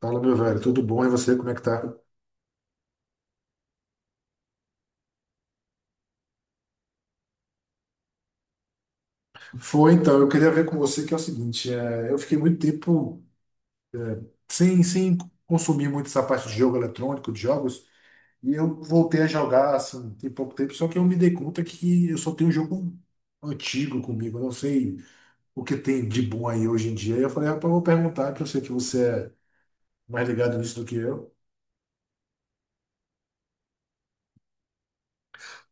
Fala, meu velho, tudo bom? E você, como é que tá? Foi, então, eu queria ver com você que é o seguinte, eu fiquei muito tempo sem consumir muito essa parte de jogo eletrônico, de jogos, e eu voltei a jogar, assim, tem pouco tempo, só que eu me dei conta que eu só tenho um jogo antigo comigo, eu não sei o que tem de bom aí hoje em dia. E eu falei, rapaz, eu vou perguntar, porque eu sei que você é mais ligado nisso do que eu.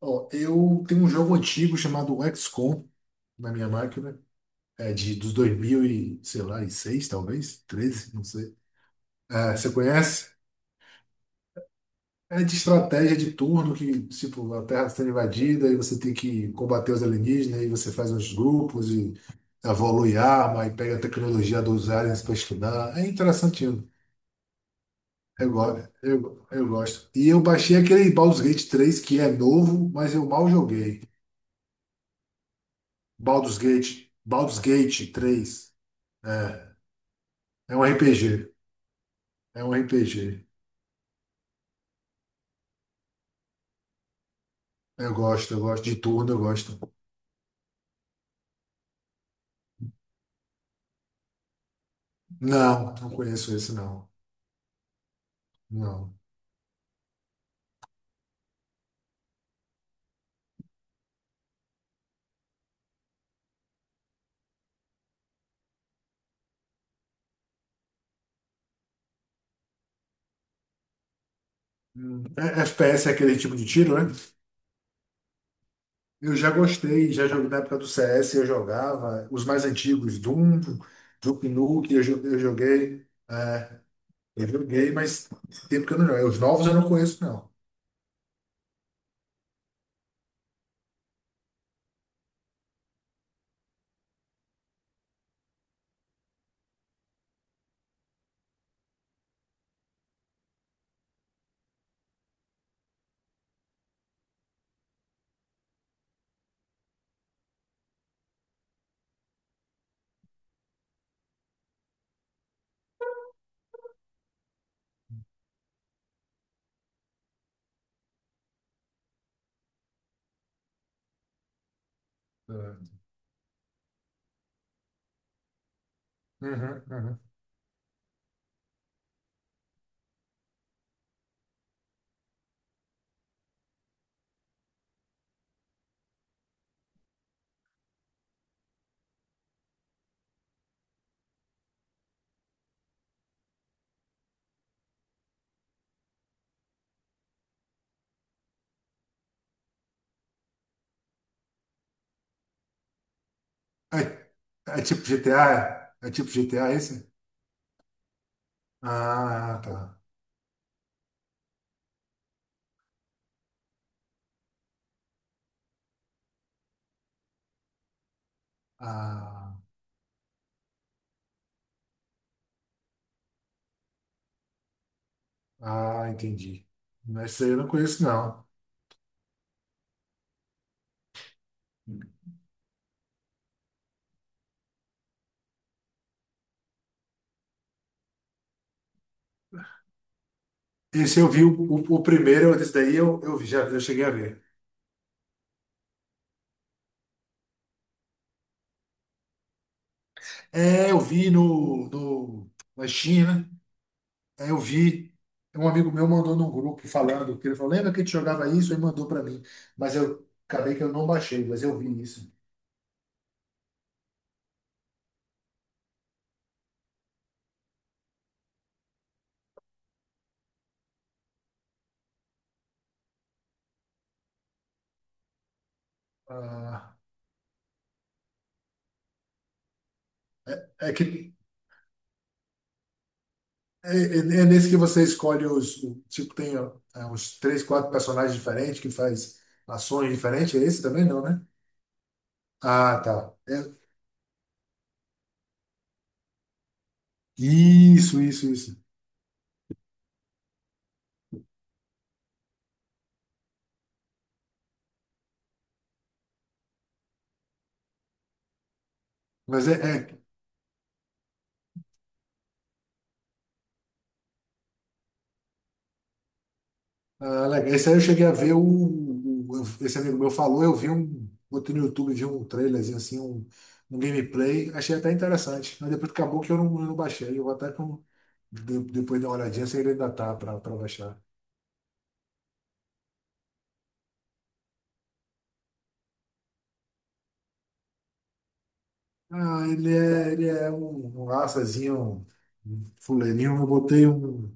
Ó, eu tenho um jogo antigo chamado XCOM na minha máquina, é dos 2000 e, sei lá, e seis talvez, 13 não sei. É, você conhece? É de estratégia de turno que, tipo, a Terra está sendo invadida e você tem que combater os alienígenas, e você faz uns grupos e evolui arma e pega a tecnologia dos aliens para estudar. É interessantinho. Eu gosto. E eu baixei aquele Baldur's Gate 3 que é novo, mas eu mal joguei. Baldur's Gate três. É, é um RPG. É um RPG. Eu gosto de turno, eu gosto. Não, não conheço esse, não. Não. FPS é aquele tipo de tiro, né? Eu já gostei, já joguei na época do CS, eu jogava os mais antigos, Doom, Duke Nukem, eu joguei. É, eu joguei, mas tem tempo que eu não jogo. Os novos eu não conheço, não. É, uhum, uhum. É, é, tipo GTA? É, tipo GTA esse? Ah, tá. Ah, ah, entendi. Mas esse aí eu não conheço, não. Esse eu vi o primeiro, esse daí eu vi, já eu cheguei a ver. É, eu vi no, no, na China, eu vi. Um amigo meu mandou num grupo falando, que ele falou, lembra que a gente jogava isso? E mandou para mim. Mas eu acabei que eu não baixei, mas eu vi isso. Ah, é que é nesse que você escolhe tipo, tem ó, uns três, quatro personagens diferentes que faz ações diferentes. É esse também não, né? Ah, tá. Isso, isso, isso. Mas é, é Ah, legal. Esse aí eu cheguei a ver. Esse amigo meu falou, eu vi um, botei no YouTube, vi um trailerzinho assim, um gameplay, achei até interessante. Mas depois acabou que eu não baixei. Eu vou até depois dar uma olhadinha se ele ainda tá pra baixar. Ah, ele é um açazinho, um fuleirinho. Eu botei um,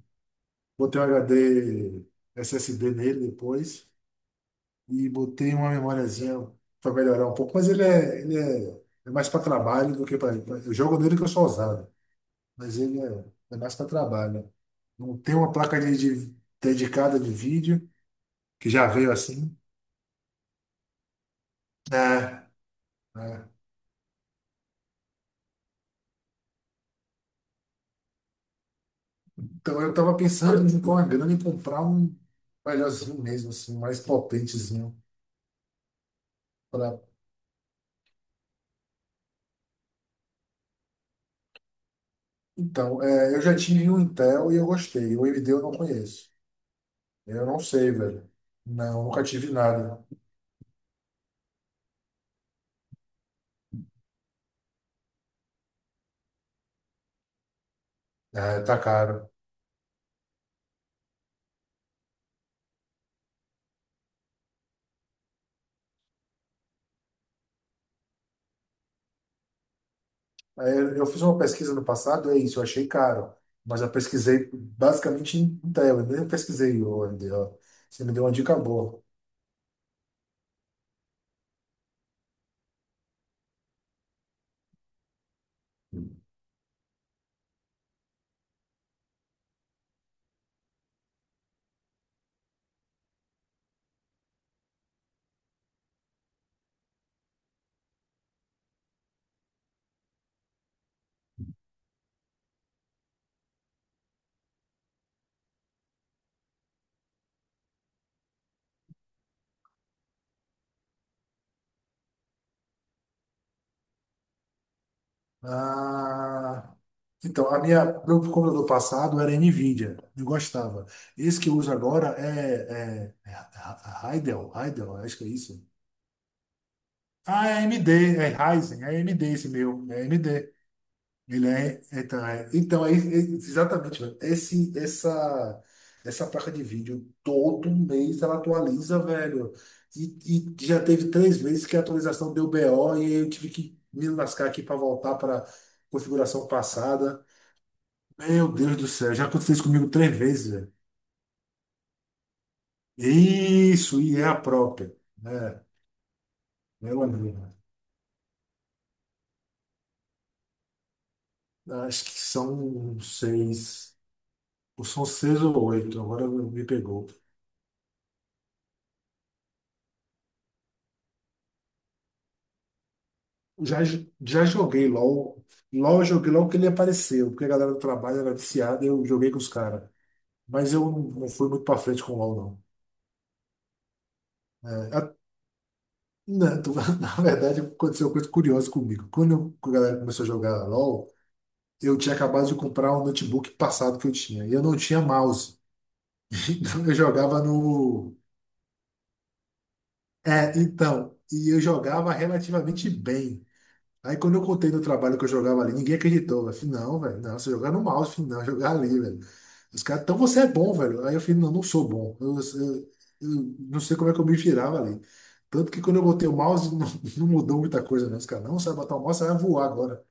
botei um HD SSD nele depois e botei uma memóriazinha para melhorar um pouco, mas é mais para trabalho do que para pra- Eu jogo nele que eu sou ousado. Mas é mais para trabalho. Né? Não tem uma placa de- dedicada de vídeo, que já veio assim. É, é. Então eu tava pensando em com a grana em comprar um melhorzinho mesmo, assim, um mais potentezinho. Pra... Então, eu já tive um Intel e eu gostei. O AMD eu não conheço. Eu não sei, velho. Não, nunca tive nada. É, tá caro. É, eu fiz uma pesquisa no passado, é isso, eu achei caro, mas eu pesquisei basicamente em tela, eu nem pesquisei onde, ó. Você me deu uma dica boa. Ah, então, meu computador passado era Nvidia, eu gostava. Esse que eu uso agora é Heidel, Heidel, acho que é isso. Ah, é AMD, é Ryzen, é AMD esse meu, é AMD. Ele é, então, é, então é, é- Exatamente, velho. Essa placa de vídeo, todo mês ela atualiza, velho. E já teve três vezes que a atualização deu BO e aí eu tive que me lascar aqui para voltar para configuração passada. Meu Deus do céu, já aconteceu isso comigo três vezes, velho. Isso, e é a própria, né? Meu amigo, acho que são seis ou oito, agora me pegou. Já, já joguei LOL. LOL eu joguei logo que ele apareceu, porque a galera do trabalho era viciada e eu joguei com os caras. Mas eu não fui muito pra frente com o LOL, não. É, na, tu- na verdade, aconteceu uma coisa curiosa comigo. Quando a galera começou a jogar LOL, eu tinha acabado de comprar um notebook passado que eu tinha. E eu não tinha mouse. Então eu jogava no. É, então. E eu jogava relativamente bem. Aí quando eu contei no trabalho que eu jogava ali, ninguém acreditou. Eu falei, não, velho, não, você jogar no mouse, eu não, jogar ali, velho. Os caras, então você é bom, velho. Aí eu falei, não, não sou bom. Eu não sei como é que eu me virava ali. Tanto que quando eu botei o mouse, não, não mudou muita coisa, não. Os caras, não, você vai botar o mouse, você vai voar agora.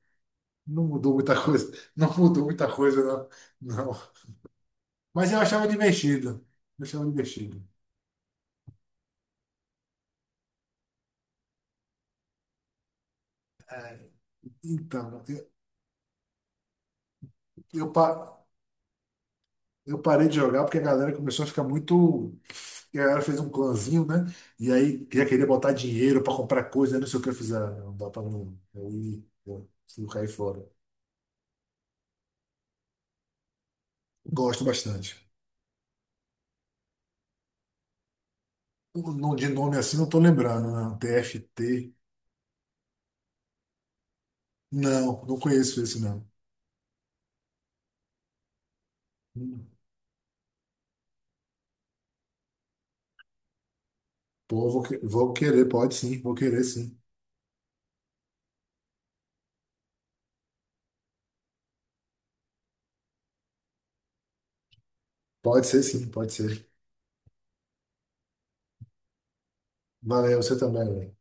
Não mudou muita coisa. Não mudou muita coisa, não. Não. Mas eu achava divertido. Eu achava divertido. Então, eu, pa- Eu parei de jogar porque a galera começou a ficar muito. A galera fez um clãzinho, né? E aí já queria botar dinheiro para comprar coisa, não sei o que eu fiz. Ah, não dá para não. Eu, eu caí fora. Gosto bastante. De nome assim não tô lembrando, não. TFT. Não, não conheço esse, não. Hum, Pô, vou querer, pode sim, vou querer sim. Pode ser sim, pode ser. Valeu, você também, velho.